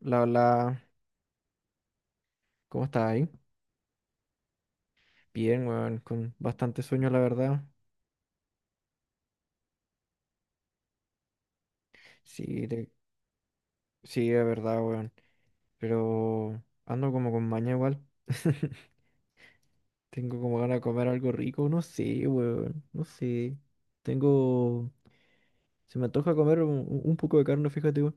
La, la, ¿Cómo estás ahí? Bien, weón, con bastante sueño, la verdad. Sí, sí, es verdad, weón. Pero ando como con maña igual. Tengo como ganas de comer algo rico, no sé, weón, no sé. Tengo, Se me antoja comer un poco de carne, fíjate, weón.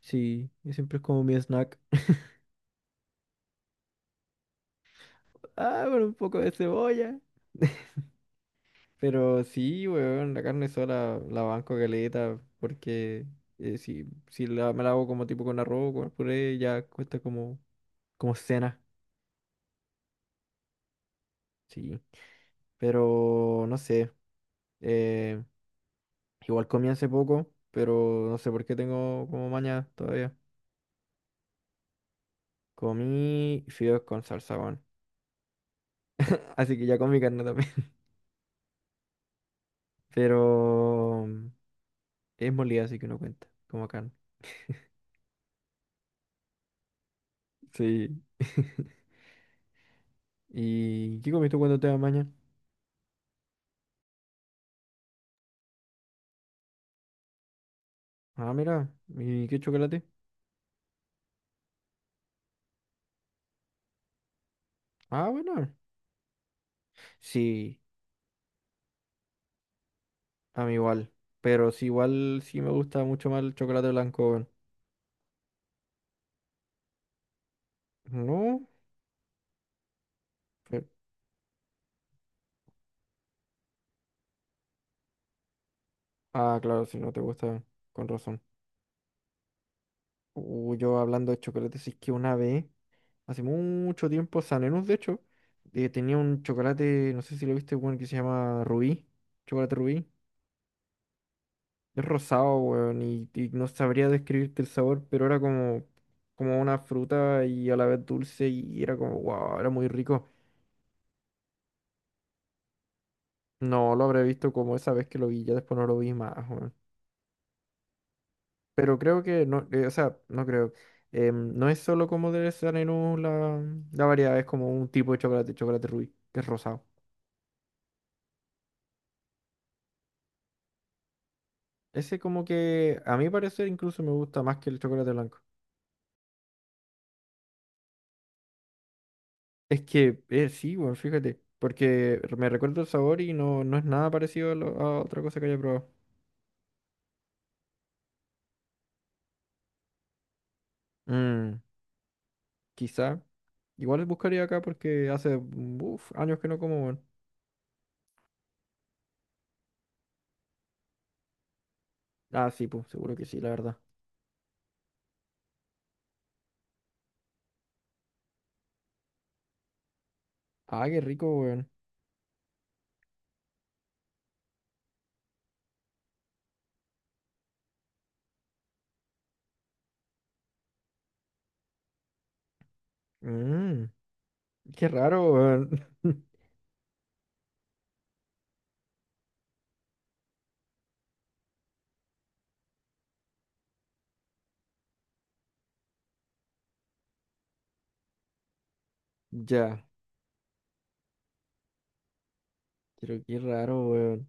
Sí, y siempre es como mi snack. Ah, pero un poco de cebolla. Pero sí, weón, la carne sola la banco caleta, porque si me la hago como tipo con arroz, con puré, ya cuesta como cena, sí. Pero no sé, eh, igual comí hace poco, pero no sé por qué tengo como maña todavía. Comí fideos con salsa, weón. Así que ya comí carne también. Pero es molida, así que no cuenta, como carne. Sí. ¿Y qué comiste cuando te da maña? Ah, mira, ¿y qué chocolate? Ah, bueno. Sí, a mí igual. Pero sí, igual sí me gusta mucho más el chocolate blanco, weón. No. pero- Ah, claro, si no te gusta, con razón. Yo hablando de chocolate, sí que una vez, hace mucho tiempo, San Enús, de hecho, tenía un chocolate, no sé si lo viste, weón, que se llama Rubí. Chocolate Rubí. Es rosado, weón, y no sabría describirte el sabor, pero era como una fruta y a la vez dulce y era como, wow, era muy rico. No lo habré visto como esa vez que lo vi, ya después no lo vi más, weón. Pero creo que no, o sea, no creo. No es solo como de Sanenú la variedad, es como un tipo de chocolate, chocolate rubí, que es rosado. Ese como que a mi parecer incluso me gusta más que el chocolate blanco. Es que sí, weón, fíjate, porque me recuerdo el sabor y no es nada parecido a otra cosa que haya probado. Mm, Quizá. Igual buscaría acá porque hace uf, años que no como, weón. Ah, sí, pues, seguro que sí, la verdad. Ah, qué rico, weón. Mm, Qué raro, weón. Ya, pero qué raro, weón.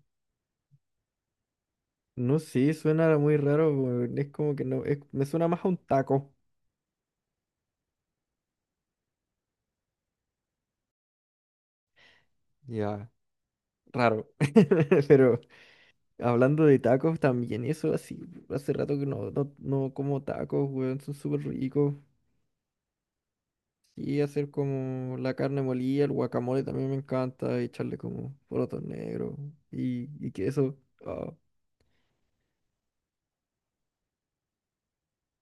No sé, suena muy raro, weón. Es como que no, me suena más a un taco. Ya, raro. Pero hablando de tacos también, eso así, hace rato que no como tacos, weón. Son súper ricos. Y hacer como la carne molida, el guacamole también me encanta. Y echarle como porotos negros y queso. Ah.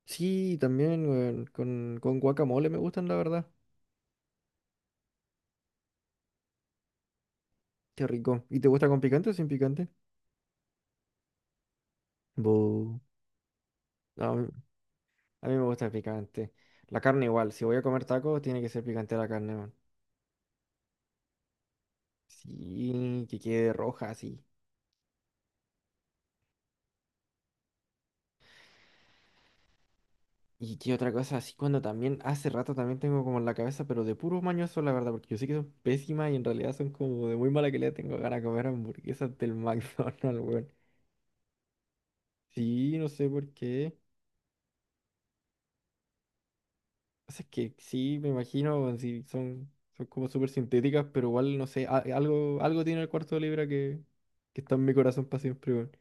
Sí, también, weón. Con guacamole me gustan, la verdad. Qué rico. ¿Y te gusta con picante o sin picante? Bu. No, a mí me gusta el picante. La carne igual. Si voy a comer tacos, tiene que ser picante la carne, man. Sí, que quede roja así. ¿Y qué otra cosa? Así cuando también, hace rato también tengo como en la cabeza, pero de puros mañoso, la verdad, porque yo sé que son pésimas y en realidad son como de muy mala calidad. Tengo ganas de comer hamburguesas del McDonald's, weón. Sí, no sé por qué. Pasa. Es que sí, me imagino, si son como súper sintéticas, pero igual, no sé, algo tiene el cuarto de libra que está en mi corazón para siempre, weón.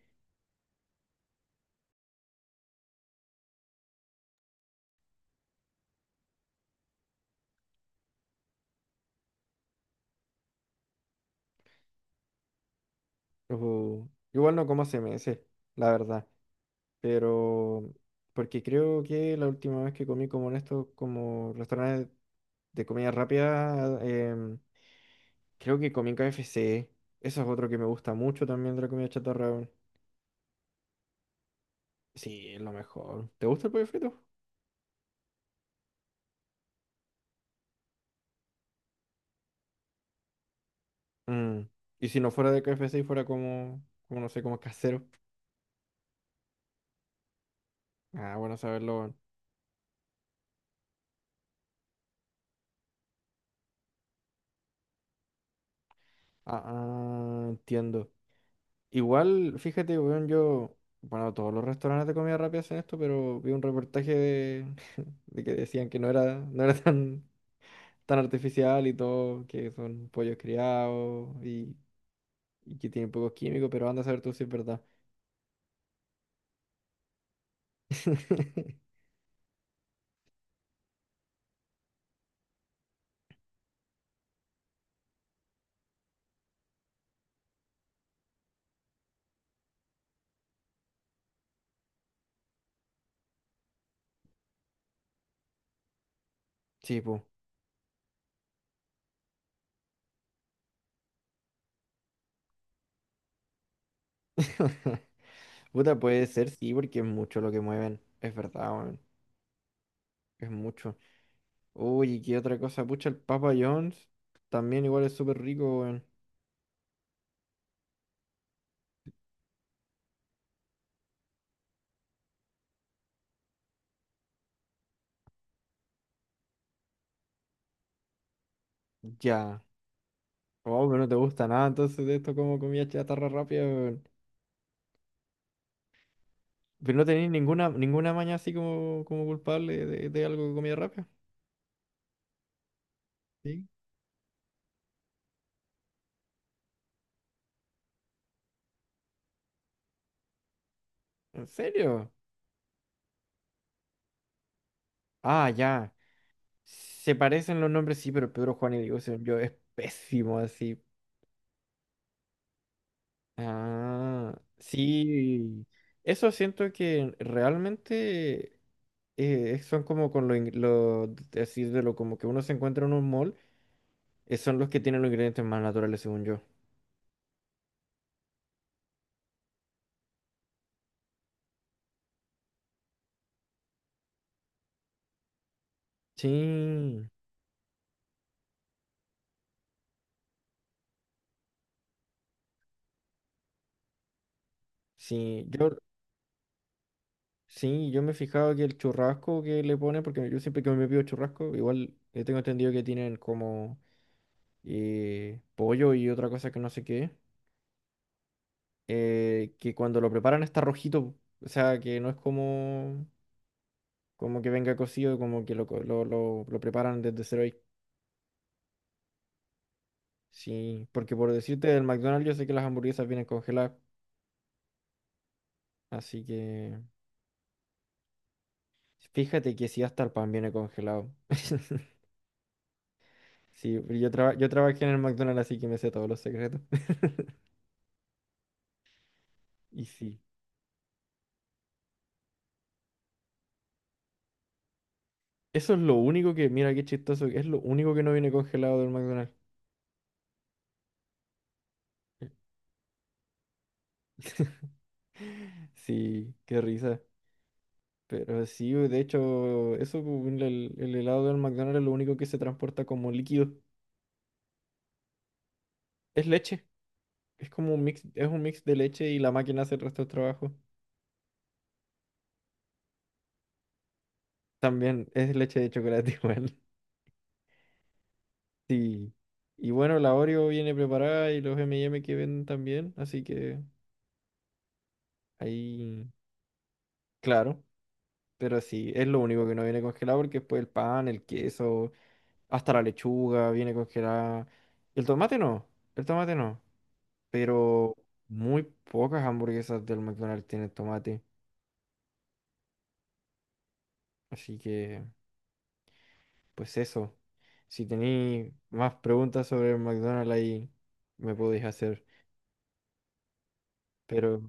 Ojo, igual no como CMS, la verdad, pero porque creo que la última vez que comí como en estos como restaurantes de comida rápida, creo que comí en KFC. Eso es otro que me gusta mucho también de la comida chatarra, weón. Sí, es lo mejor. ¿Te gusta el pollo frito? Mm. Y si no fuera de KFC y fuera como no sé, como casero. Ah, bueno saberlo, weón. Ah, ah, entiendo. Igual, fíjate, weón, yo. Bueno, todos los restaurantes de comida rápida hacen esto, pero vi un reportaje de, de que decían que no era tan artificial y todo, que son pollos criados y que tienen pocos químicos, pero anda a saber tú si es verdad. Sí, po. Puta, puede ser, sí, porque es mucho lo que mueven. Es verdad, weón. Es mucho. Uy, ¿y qué otra cosa? Pucha, el Papa John's también igual es súper rico, weón. Ya. Oh, pero no te gusta nada entonces de esto como comida chatarra rápida, weón. Pero no tenéis ninguna maña así como culpable de algo de comida rápida. ¿Sí? ¿En serio? Ah, ya. Se parecen los nombres, sí, pero Pedro Juan y Diego, según yo, es pésimo así. Ah, sí. Eso siento que realmente. Son como con así de lo como que uno se encuentra en un mall, son los que tienen los ingredientes más naturales, según yo. Sí, sí, yo me he fijado que el churrasco que le ponen, porque yo siempre que me pido churrasco, igual tengo entendido que tienen como pollo y otra cosa que no sé qué, que cuando lo preparan está rojito, o sea, que no es como que venga cocido, como que lo, co- lo preparan desde cero ahí. Sí, porque por decirte del McDonald's, yo sé que las hamburguesas vienen congeladas. Así que fíjate que si hasta el pan viene congelado. Sí, pero yo trabajé en el McDonald's, así que me sé todos los secretos. Y sí, eso es lo único que, mira qué chistoso, es lo único que no viene congelado del McDonald's. Sí, qué risa. Pero sí, de hecho, eso, el helado del McDonald's es lo único que se transporta como líquido. Es leche. Es como un mix, es un mix de leche y la máquina hace el resto del trabajo. También es leche de chocolate igual. Sí. Y bueno, la Oreo viene preparada y los M&M que venden también, así que ahí, claro, pero sí, es lo único que no viene congelado porque después el pan, el queso, hasta la lechuga viene congelada. El tomate no, el tomate no, pero muy pocas hamburguesas del McDonald's tienen tomate, así que pues eso. Si tenéis más preguntas sobre el McDonald's ahí me podéis hacer, pero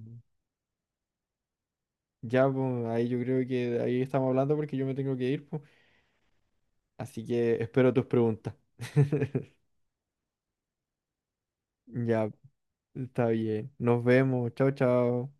ya, pues, ahí yo creo que ahí estamos hablando porque yo me tengo que ir, pues. Así que espero tus preguntas. Ya, está bien. Nos vemos. Chao, chao.